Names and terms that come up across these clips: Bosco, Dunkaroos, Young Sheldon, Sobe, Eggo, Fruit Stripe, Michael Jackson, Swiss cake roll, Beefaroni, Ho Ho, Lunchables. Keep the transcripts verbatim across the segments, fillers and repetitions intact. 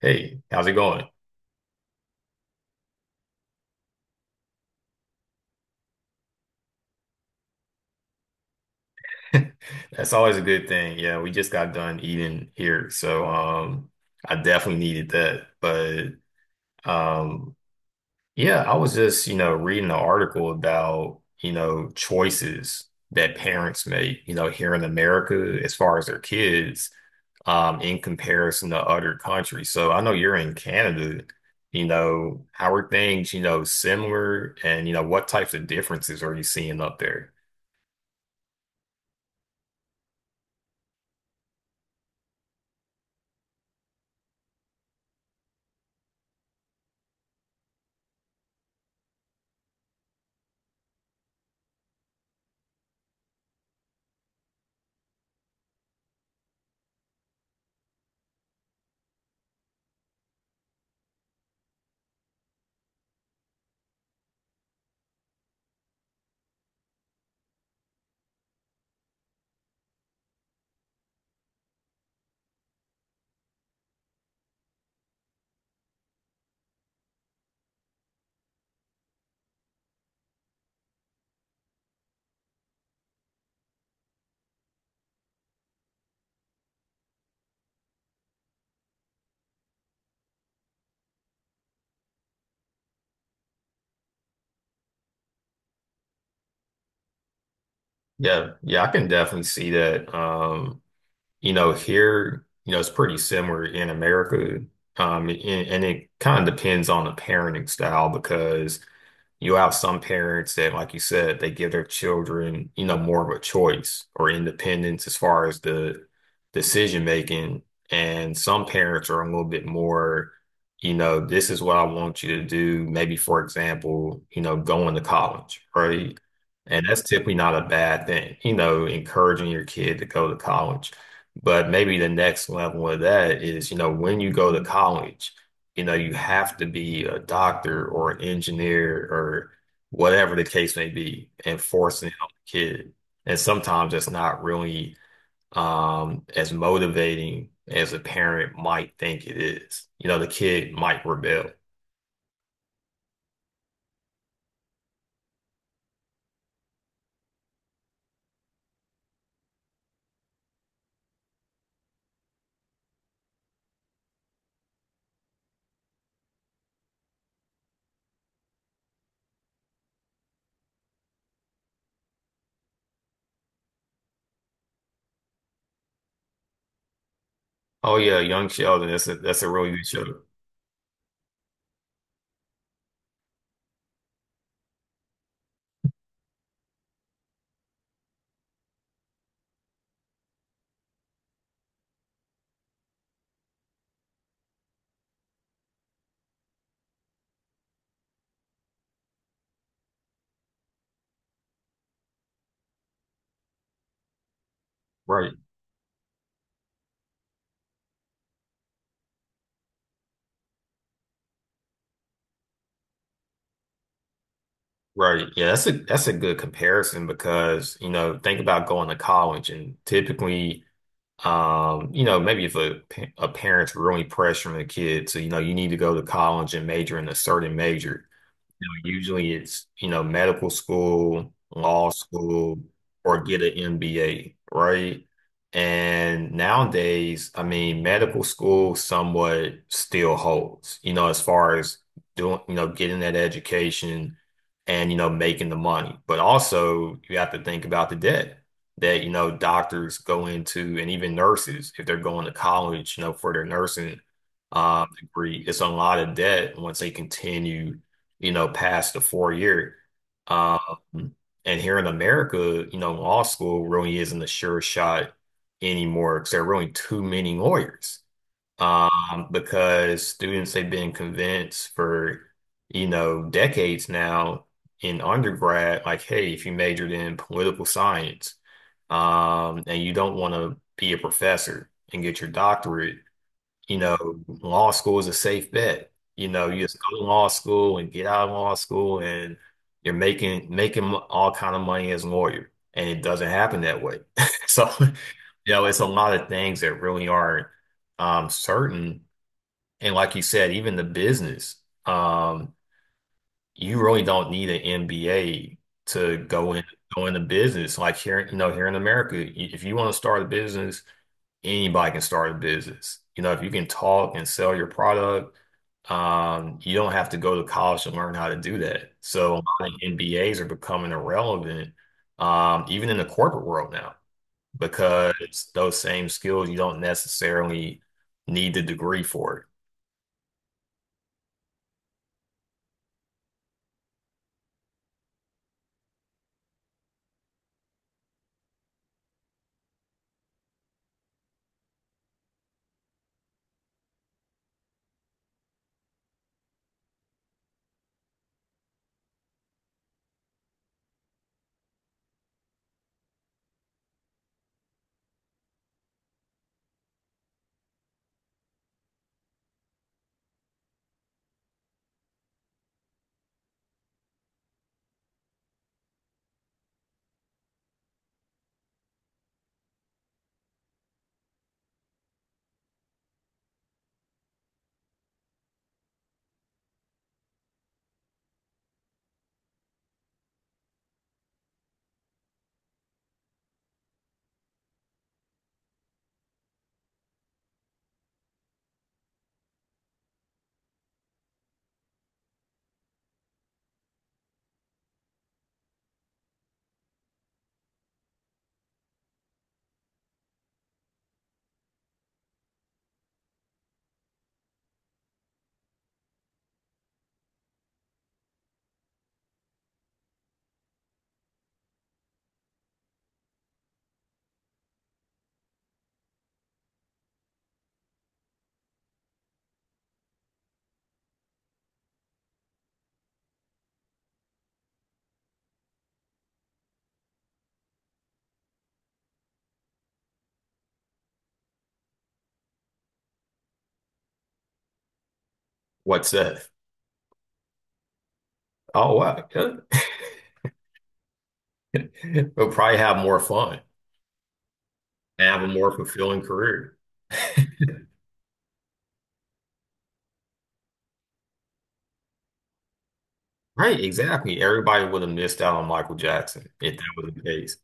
Hey, how's it going? That's always a good thing. Yeah, we just got done eating here, so um I definitely needed that. But um yeah, I was just, you know, reading an article about, you know, choices that parents make, you know, here in America as far as their kids um in comparison to other countries. So I know you're in Canada, you know, how are things, you know, similar and you know what types of differences are you seeing up there? Yeah, yeah, I can definitely see that. Um, you know, here, you know, it's pretty similar in America. Um, and, and it kind of depends on the parenting style because you have some parents that, like you said, they give their children, you know, more of a choice or independence as far as the decision making. And some parents are a little bit more, you know, this is what I want you to do. Maybe, for example, you know, going to college, right? And that's typically not a bad thing, you know, encouraging your kid to go to college. But maybe the next level of that is, you know, when you go to college you know, you have to be a doctor or an engineer or whatever the case may be, and forcing it on the kid. And sometimes it's not really um, as motivating as a parent might think it is. You know, the kid might rebel. Oh yeah, Young Sheldon. That's a that's a really good show. Right, right. Yeah, that's a that's a good comparison because, you know, think about going to college and typically Um, you know, maybe if a, pa- a parent's really pressuring the kid to, you know, you need to go to college and major in a certain major, you know, usually it's, you know, medical school, law school, or get an M B A, right? And nowadays, I mean, medical school somewhat still holds, you know, as far as doing, you know, getting that education and, you know, making the money. But also, you have to think about the debt that, you know, doctors go into and even nurses, if they're going to college, you know, for their nursing um, degree, it's a lot of debt once they continue you know, past the four year. Um, and here in America, you know, law school really isn't a sure shot anymore because there are really too many lawyers. Um, because students have been convinced for, you know, decades now in undergrad, like, hey, if you majored in political science, um, and you don't want to be a professor and get your doctorate, you know, law school is a safe bet. You know, you just go to law school and get out of law school and you're making making all kind of money as a lawyer. And it doesn't happen that way. So, you know, it's a lot of things that really aren't um certain. And like you said, even the business, um, you really don't need an M B A to go in go into business. Like here, you know, here in America, if you want to start a business anybody can start a business. You know, if you can talk and sell your product, um, you don't have to go to college to learn how to do that. So I think M B As are becoming irrelevant, um, even in the corporate world now, because those same skills you don't necessarily need the degree for it. What's that? Oh, wow. Yeah. We'll probably have more fun and have a more fulfilling career. Right, exactly. Everybody would have missed out on Michael Jackson if that was the case.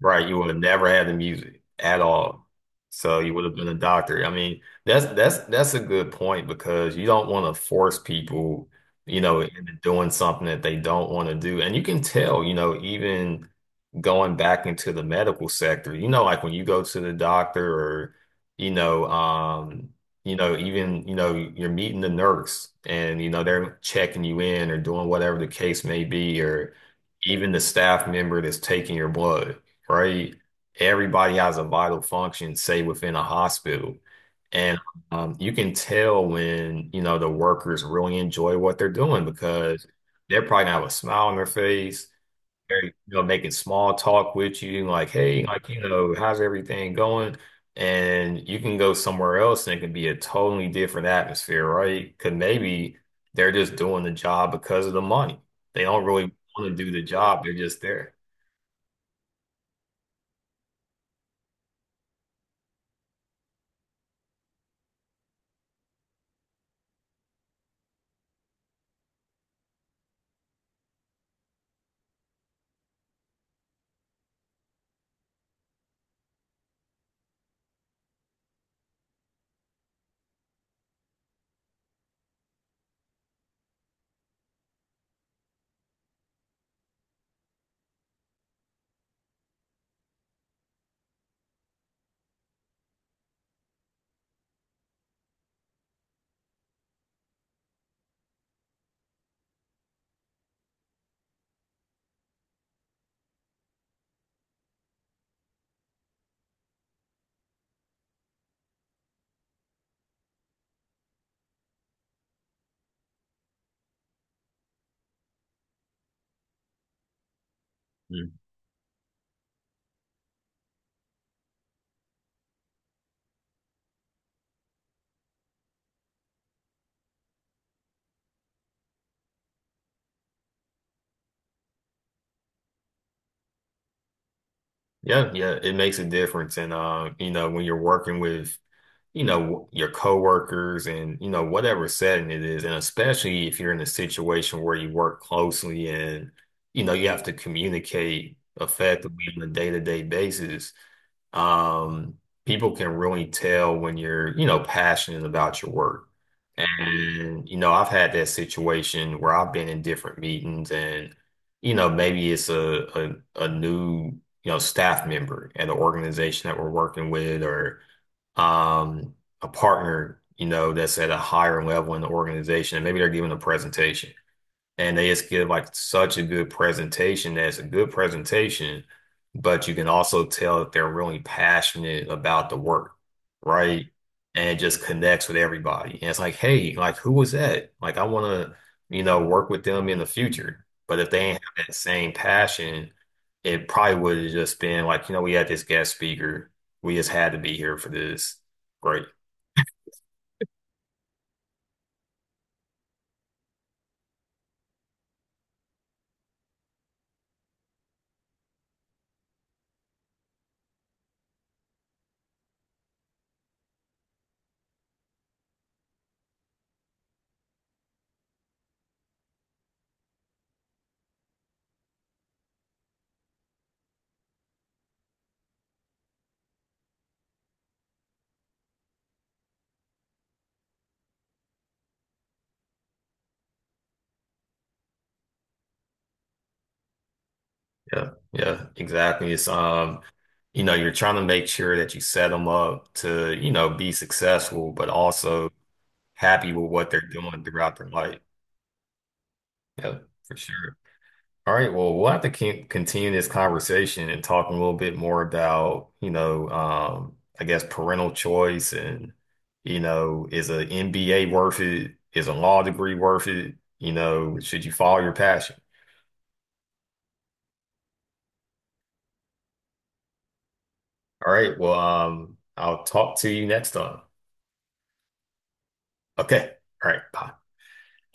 Right, you would have never had the music at all. So you would have been a doctor. I mean, that's that's that's a good point because you don't want to force people, you know, into doing something that they don't want to do. And you can tell, you know, even going back into the medical sector, you know, like when you go to the doctor or, you know, um, you know, even, you know, you're meeting the nurse and, you know, they're checking you in or doing whatever the case may be, or even the staff member that's taking your blood right? Everybody has a vital function, say within a hospital. And um, you can tell when, you know, the workers really enjoy what they're doing because they're probably gonna have a smile on their face. They're, you know, making small talk with you, like, hey, like, you know, how's everything going? And you can go somewhere else and it can be a totally different atmosphere, right? Because maybe they're just doing the job because of the money. They don't really want to do the job, they're just there. Yeah, yeah, it makes a difference. And uh, you know, when you're working with you know, your coworkers and, you know, whatever setting it is. And especially if you're in a situation where you work closely and, you know, you have to communicate effectively on a day-to-day basis. Um, people can really tell when you're, you know, passionate about your work. And, you know, I've had that situation where I've been in different meetings and, you know, maybe it's a, a, a new, you know, staff member at an organization that we're working with or, um, a partner, you know, that's at a higher level in the organization, and maybe they're giving a presentation and they just give like such a good presentation that's a good presentation, but you can also tell that they're really passionate about the work, right? And it just connects with everybody. And it's like, hey, like who was that? Like I want to, you know, work with them in the future. But if they ain't have that same passion, it probably would have just been like, you know, we had this guest speaker. We just had to be here for this. Great. Yeah, yeah, exactly. It's um, you know, you're trying to make sure that you set them up to, you know, be successful, but also happy with what they're doing throughout their life. Yeah, for sure. All right, well, we'll have to keep continue this conversation and talk a little bit more about, you know, um, I guess parental choice and, you know, is an M B A worth it? Is a law degree worth it? You know, should you follow your passion? All right, well, um, I'll talk to you next time. Okay. All right. Bye.